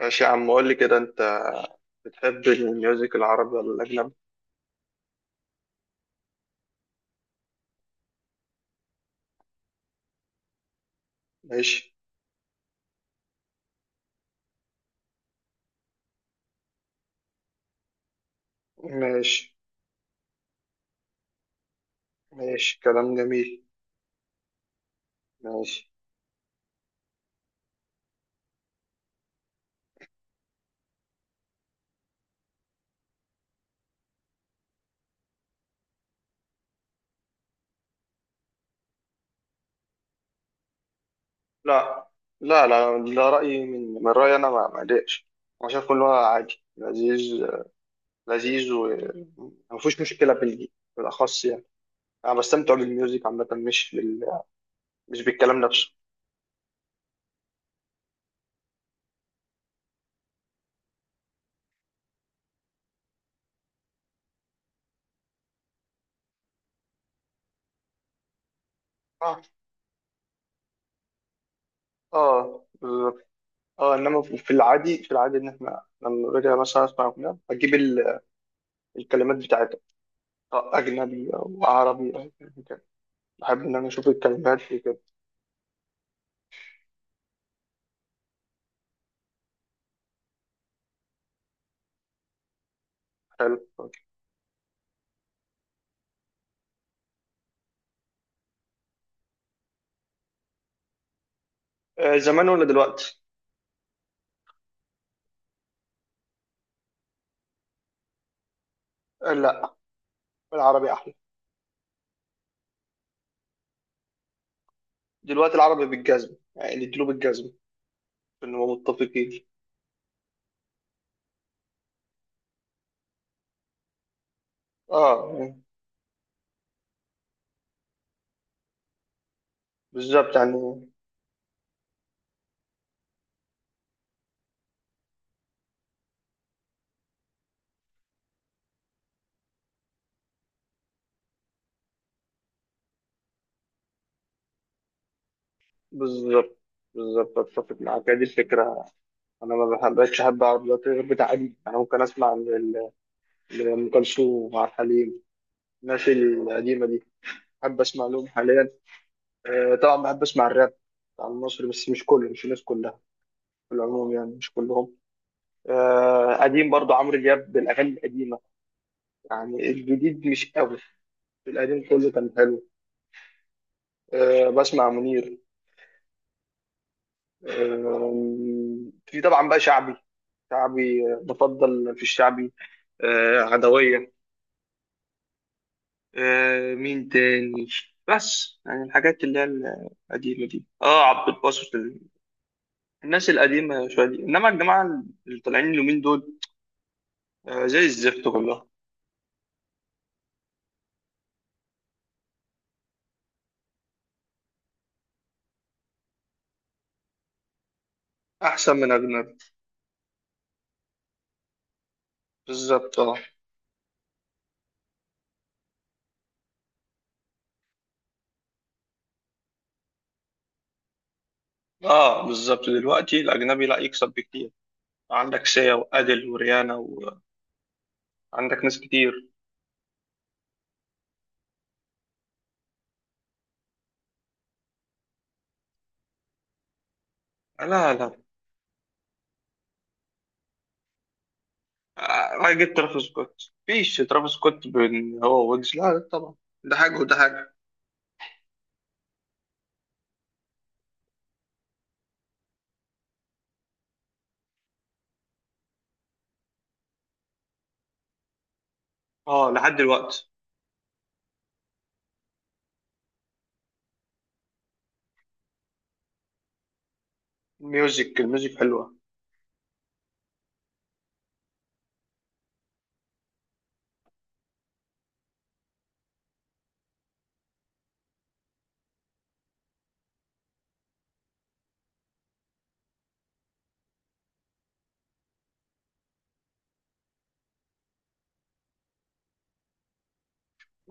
ماشي يا عم، قول لي كده، انت بتحب الميوزك العربي ولا الاجنبي؟ ماشي. ماشي. ماشي، كلام جميل. ماشي. لا. لا، لا، ده رأيي. من رأيي انا ما اضايقش. انا شايف كله عادي. لذيذ. لذيذ، وما فيهوش مشكلة بالاخص يعني. انا بستمتع بالميوزك عامة، مش بالكلام نفسه. اه. اه، بالظبط. اه، انما في العادي، ان احنا لما باجي مثلا اسمع اغنيه، اجيب الكلمات بتاعتها، أجنبي أو عربي أو يعني كده، بحب إن أنا أشوف الكلمات دي كده. حلو. آه، زمان ولا دلوقتي؟ آه، لا. العربي أحلى. دلوقتي العربي بالجزم، يعني نديله بالجزم إن هو متفقين. آه يعني. بالظبط يعني. بالظبط. بالظبط، أتفق معاك، هي دي الفكرة. أنا ما بحبش أحب عربي دلوقتي غير بتعليم. أنا ممكن أسمع لأم كلثوم وعبد الحليم، الناس القديمة دي. بحب أسمع لهم حاليا. آه، طبعا بحب أسمع الراب بتاع المصري، بس مش كله، مش الناس كلها، في العموم، يعني مش كلهم. آه، قديم برضو عمرو دياب، بالاغاني القديمه. يعني الجديد مش قوي، القديم كله كان حلو. آه، بسمع منير. آه. في طبعا بقى شعبي. شعبي، آه، بفضل في الشعبي. آه، عدويه. آه، مين تاني؟ بس يعني الحاجات اللي هي القديمه دي. اه، عبد الباسط، الناس القديمه شويه دي. انما الجماعه اللي طالعين اليومين دول، آه، زي الزفت كلها. احسن من اجنبي. بالظبط، اه. اه، بالظبط، دلوقتي الاجنبي لا يكسب بكتير. عندك سيا وادل وريانا، وعندك ناس كتير. لا، لا. آه، راح جبت ترافيس سكوت؟ فيش ترافيس سكوت بين هو ويجز. لا، لا، طبعا. ده حاجه وده حاجه. اه، لحد دلوقتي. الميوزك حلوه.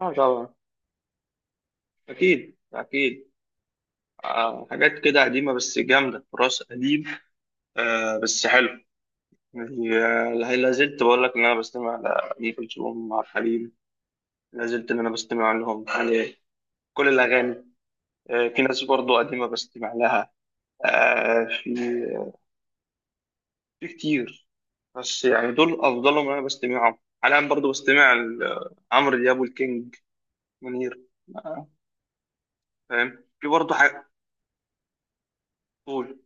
اه، طبعا. اكيد، اكيد. آه، حاجات كده قديمه بس جامده، تراث قديم، آه بس حلو، يعني. آه، لا زلت بقول لك ان انا بستمع لأم كلثوم وعبد الحليم. لا زلت ان انا بستمع لهم يعني، كل الاغاني. آه، في ناس برضو قديمة بستمع لها. آه، في كتير. بس يعني دول أفضلهم، أنا بستمعهم حاليا. برضو بستمع عمرو دياب والكينج منير. آه. فاهم. في برضو حاجة. قول.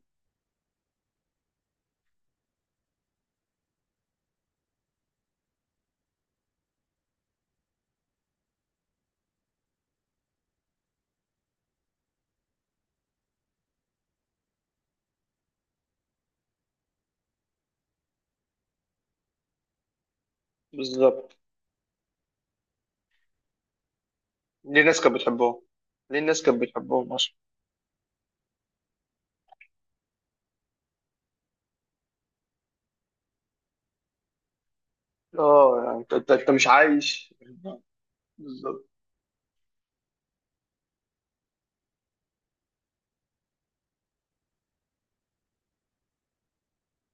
بالظبط. ليه الناس كانت بتحبهم؟ ليه الناس كانت بتحبهم أصلا؟ اه يعني، أنت مش عايش. بالظبط.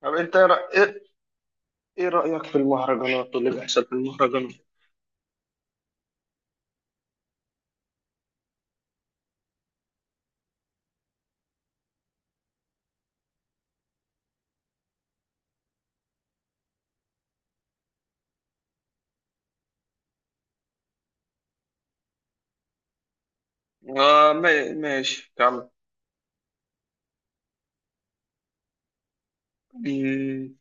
طب أنت إيه رأيك في المهرجانات واللي بيحصل في المهرجانات؟ آه، ماشي، كمل. مم.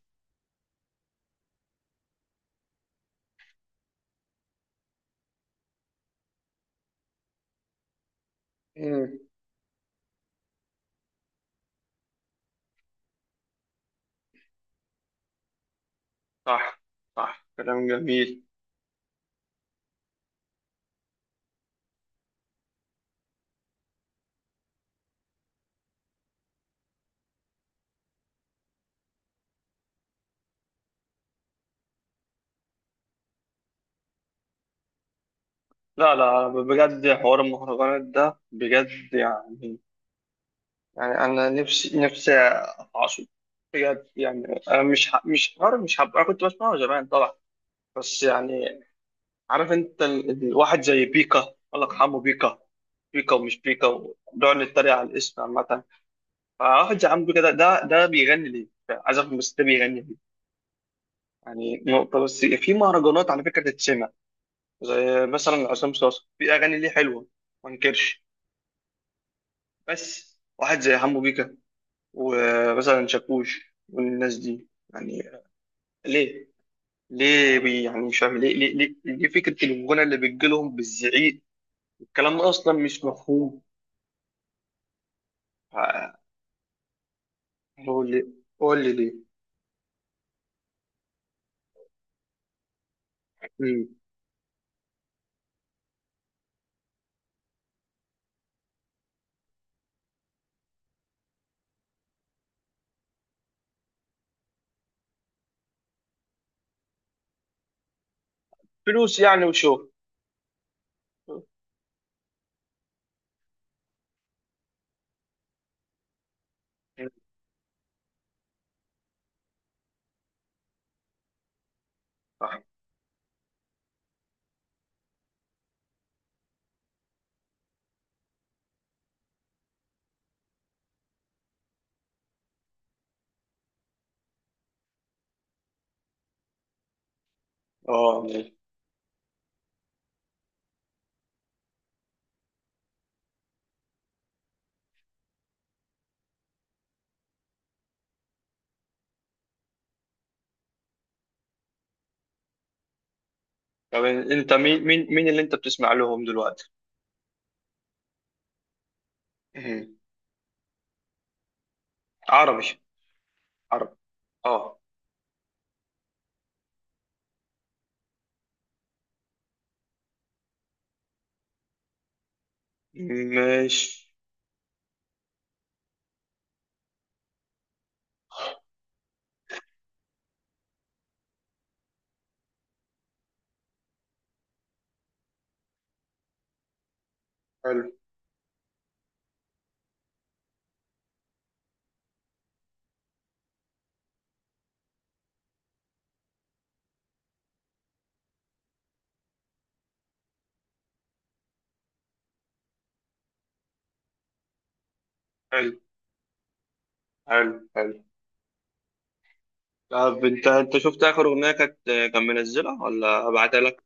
مم. صح. صح، كلام جميل. لا، لا، بجد، حوار المهرجانات ده بجد، يعني. يعني انا نفسي، نفسي اعصب بجد، يعني. انا مش حوار، مش هبقى. أنا كنت بسمعه زمان طبعا، بس يعني. عارف انت الواحد زي بيكا، الله يرحمه، بيكا. بيكا ومش بيكا، ونقعد نتريق على الاسم عامة. فواحد زي عم بيكا، ده بيغني ليه؟ عايز افهم، بس ده بيغني ليه؟ يعني نقطة، بس في مهرجانات على فكرة تتسمع، زي مثلا عصام صاصا، في اغاني ليه حلوه، ما انكرش. بس واحد زي حمو بيكا، ومثلا شاكوش والناس دي، يعني ليه؟ ليه بي يعني مش فاهم ليه، ليه فكره الغنى اللي بتجيلهم بالزعيق؟ الكلام ده اصلا مش مفهوم. آه. قول لي. قول لي ليه. مم. فلوس يعني، وشو. مم. صح. اه، طب انت مين اللي انت بتسمع لهم دلوقتي؟ مم. عربي. عربي. اه. ماشي. حلو، حلو، حلو، حلو. طب انت شفت اخر اغنيه، كانت كان منزلها؟ ولا ابعتها لك؟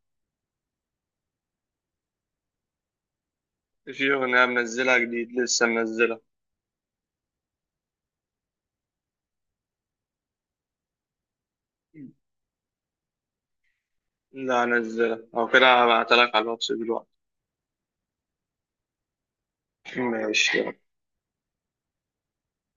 في اغنيه منزلها جديد، لسه منزلها؟ لا، نزلها او كده، هبعتها لك على الواتس دلوقتي. ماشي.